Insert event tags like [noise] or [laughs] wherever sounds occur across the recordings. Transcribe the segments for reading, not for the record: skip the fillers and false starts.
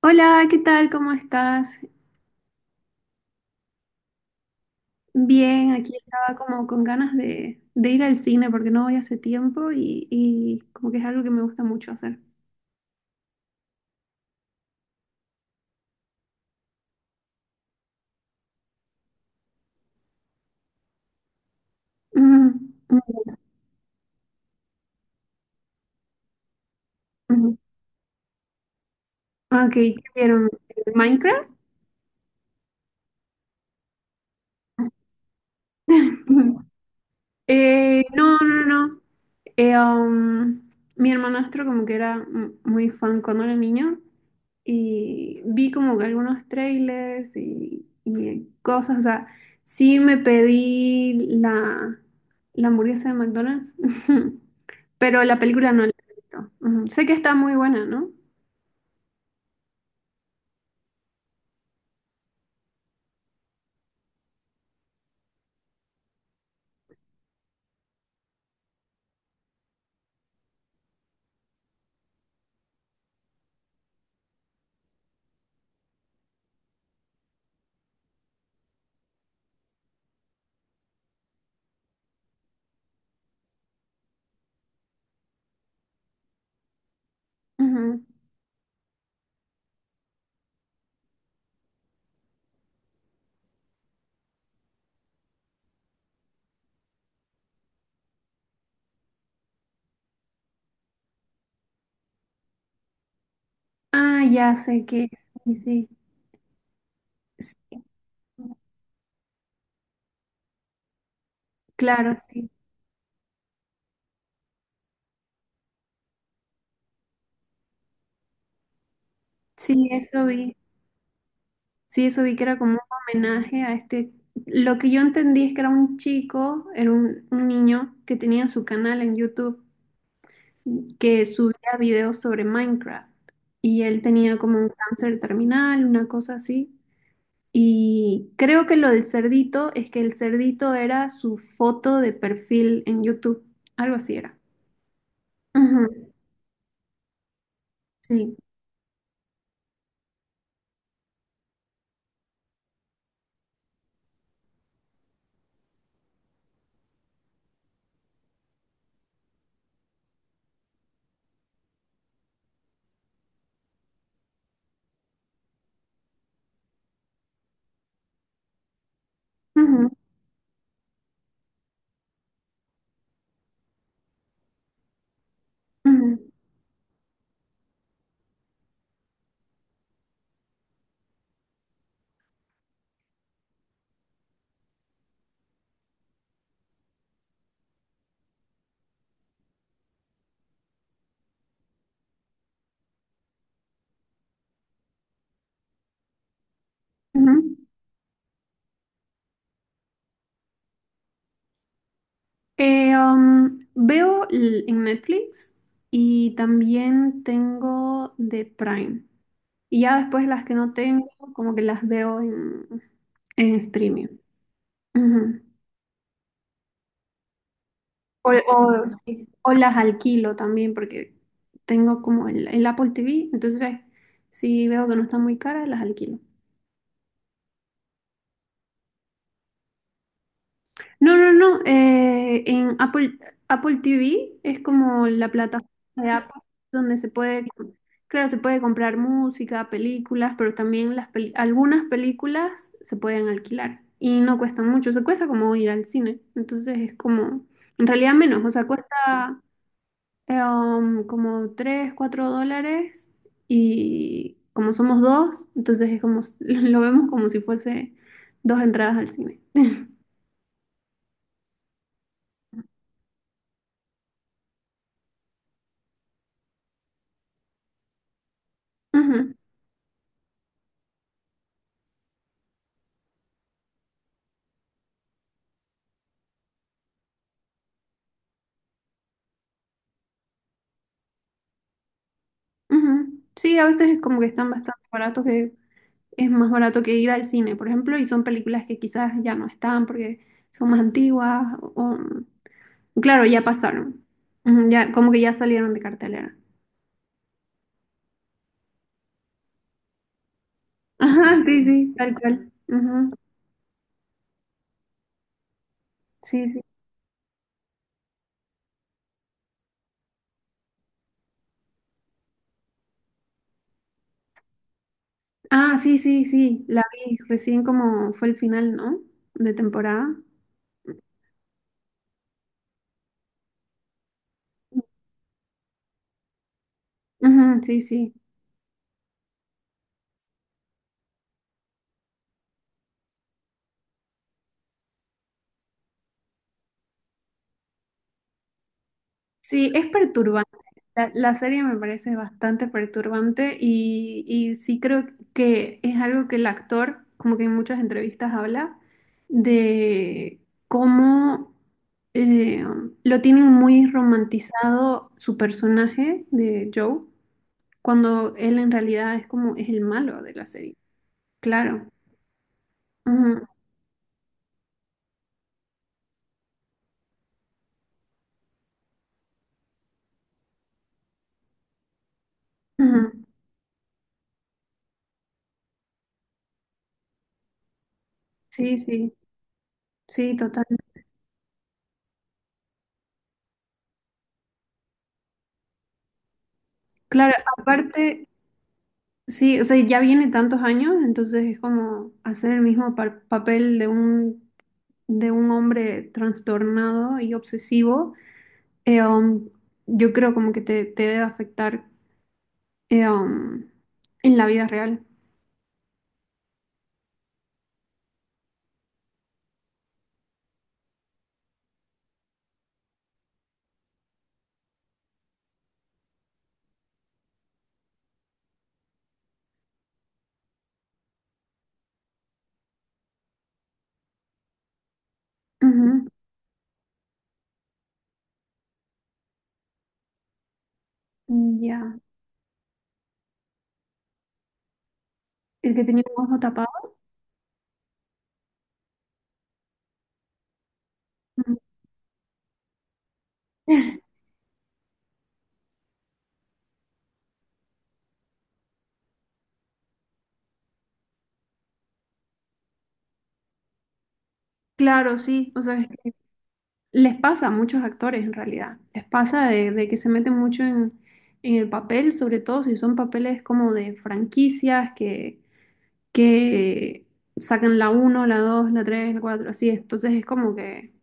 Hola, ¿qué tal? ¿Cómo estás? Bien, aquí estaba como con ganas de ir al cine porque no voy hace tiempo y como que es algo que me gusta mucho hacer. Ujú, ujú, ujú. Ok, ¿qué vieron? ¿Minecraft? [laughs] Ujú. No. Eh, um, Mi hermanastro como que era muy fan cuando era niño y vi como que algunos trailers y cosas. O sea, sí me pedí la hamburguesa de McDonald's, [laughs] pero la película no la he visto. Ujú. Sé que está muy buena, ¿no? Ujú. Ah, ya sé que, sí, sí. Sí, claro, sí. Sí, eso vi. Sí, eso vi que era como un homenaje a este. Lo que yo entendí es que era un chico, era un niño que tenía su canal en YouTube que subía videos sobre Minecraft y él tenía como un cáncer terminal, una cosa así. Y creo que lo del cerdito es que el cerdito era su foto de perfil en YouTube, algo así era. Ujú. Sí. Ujú, ujú, ujú. Veo en Netflix y también tengo de Prime. Y ya después las que no tengo, como que las veo en streaming. Ujú. O, sí, o las alquilo también porque tengo como el Apple TV. Entonces, si veo que no están muy caras, las alquilo. No, no, no. En Apple, Apple TV es como la plataforma de Apple donde se puede, claro, se puede comprar música, películas, pero también algunas películas se pueden alquilar y no cuestan mucho. Se cuesta como ir al cine. Entonces es como, en realidad menos. O sea, cuesta como 3, 4 dólares y como somos dos, entonces es como, [laughs] lo vemos como si fuese dos entradas al cine. Ujú. Ujú. Sí, a veces es como que están bastante baratos, que es más barato que ir al cine, por ejemplo, y son películas que quizás ya no están porque son más antiguas o. Claro, ya pasaron. Ujú, ya, como que ya salieron de cartelera. [laughs] Ajá, sí, sí, tal cual. Ujú. Sí, sí. Ah, sí, sí, sí, la vi recién como fue el final, ¿no? De temporada. Ujú, sí, sí. Sí, es perturbante. La serie me parece bastante perturbante y sí creo que es algo que el actor, como que en muchas entrevistas habla, de cómo eh, lo tienen muy romantizado su personaje de Joe, cuando él en realidad es como es el malo de la serie. Claro. Ujú, ujú. Sí, sí, sí, total. Claro, aparte... Sí, o sea, ya viene tantos años, entonces es como hacer el mismo papel de un hombre trastornado y obsesivo. eh, um, yo creo como que te debe afectar eh, um, en la vida real. Ujú. Ya. El que tenía un ojo tapado. Ujú. [laughs] Claro, sí. O sea, les pasa a muchos actores en realidad. Les pasa de que se meten mucho en el papel, sobre todo si son papeles como de franquicias que sacan la uno la 2 la 3 la 4 así. Entonces es como que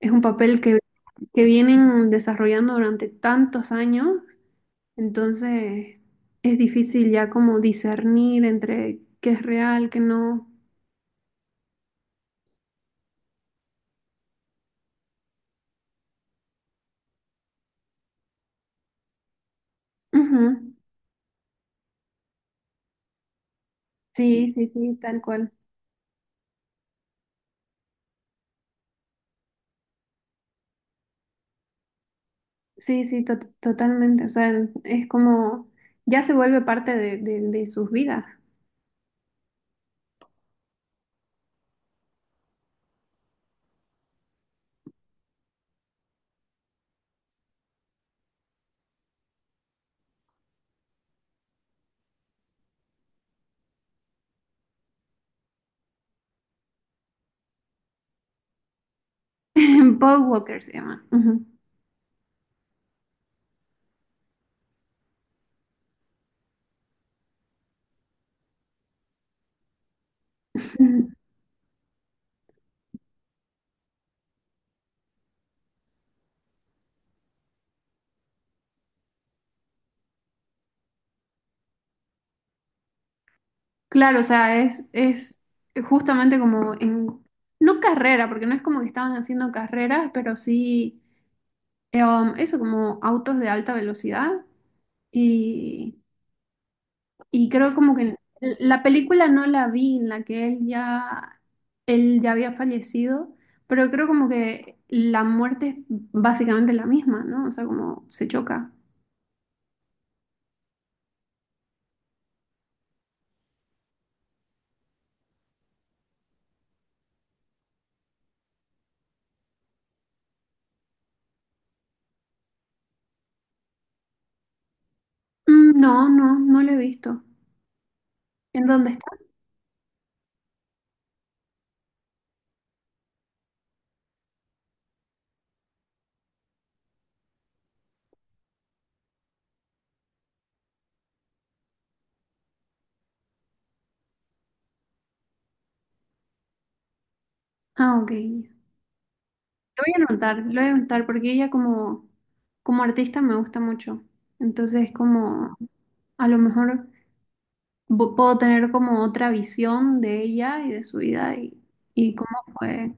es un papel que vienen desarrollando durante tantos años, entonces es difícil ya como discernir entre qué es real, qué no. Ujú. Sí, sí, sí, tal cual. Sí, totalmente. O sea, es como ya se vuelve parte de, de sus vidas. [laughs] Paul Walker se llama. Ujú. Claro, o sea, es justamente como en, no carrera, porque no es como que estaban haciendo carreras, pero sí, eso, como autos de alta velocidad. Y, y creo como que la película no la vi en la que él ya había fallecido, pero creo como que la muerte es básicamente la misma, ¿no? O sea, como se choca. No, no, no lo he visto. ¿En dónde está? Ah, ok. Lo voy a anotar, lo voy a anotar porque ella como, como artista me gusta mucho. Entonces, como a lo mejor puedo tener como otra visión de ella y de su vida y cómo fue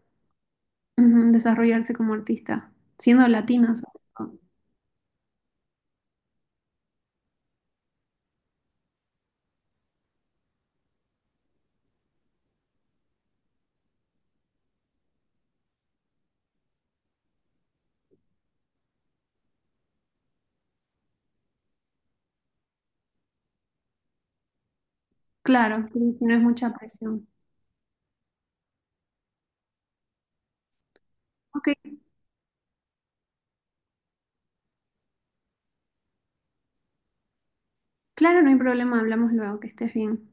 ujú, desarrollarse como artista, siendo latina sobre todo. Claro, no es mucha presión. Ok, claro, no hay problema, hablamos luego, que estés bien.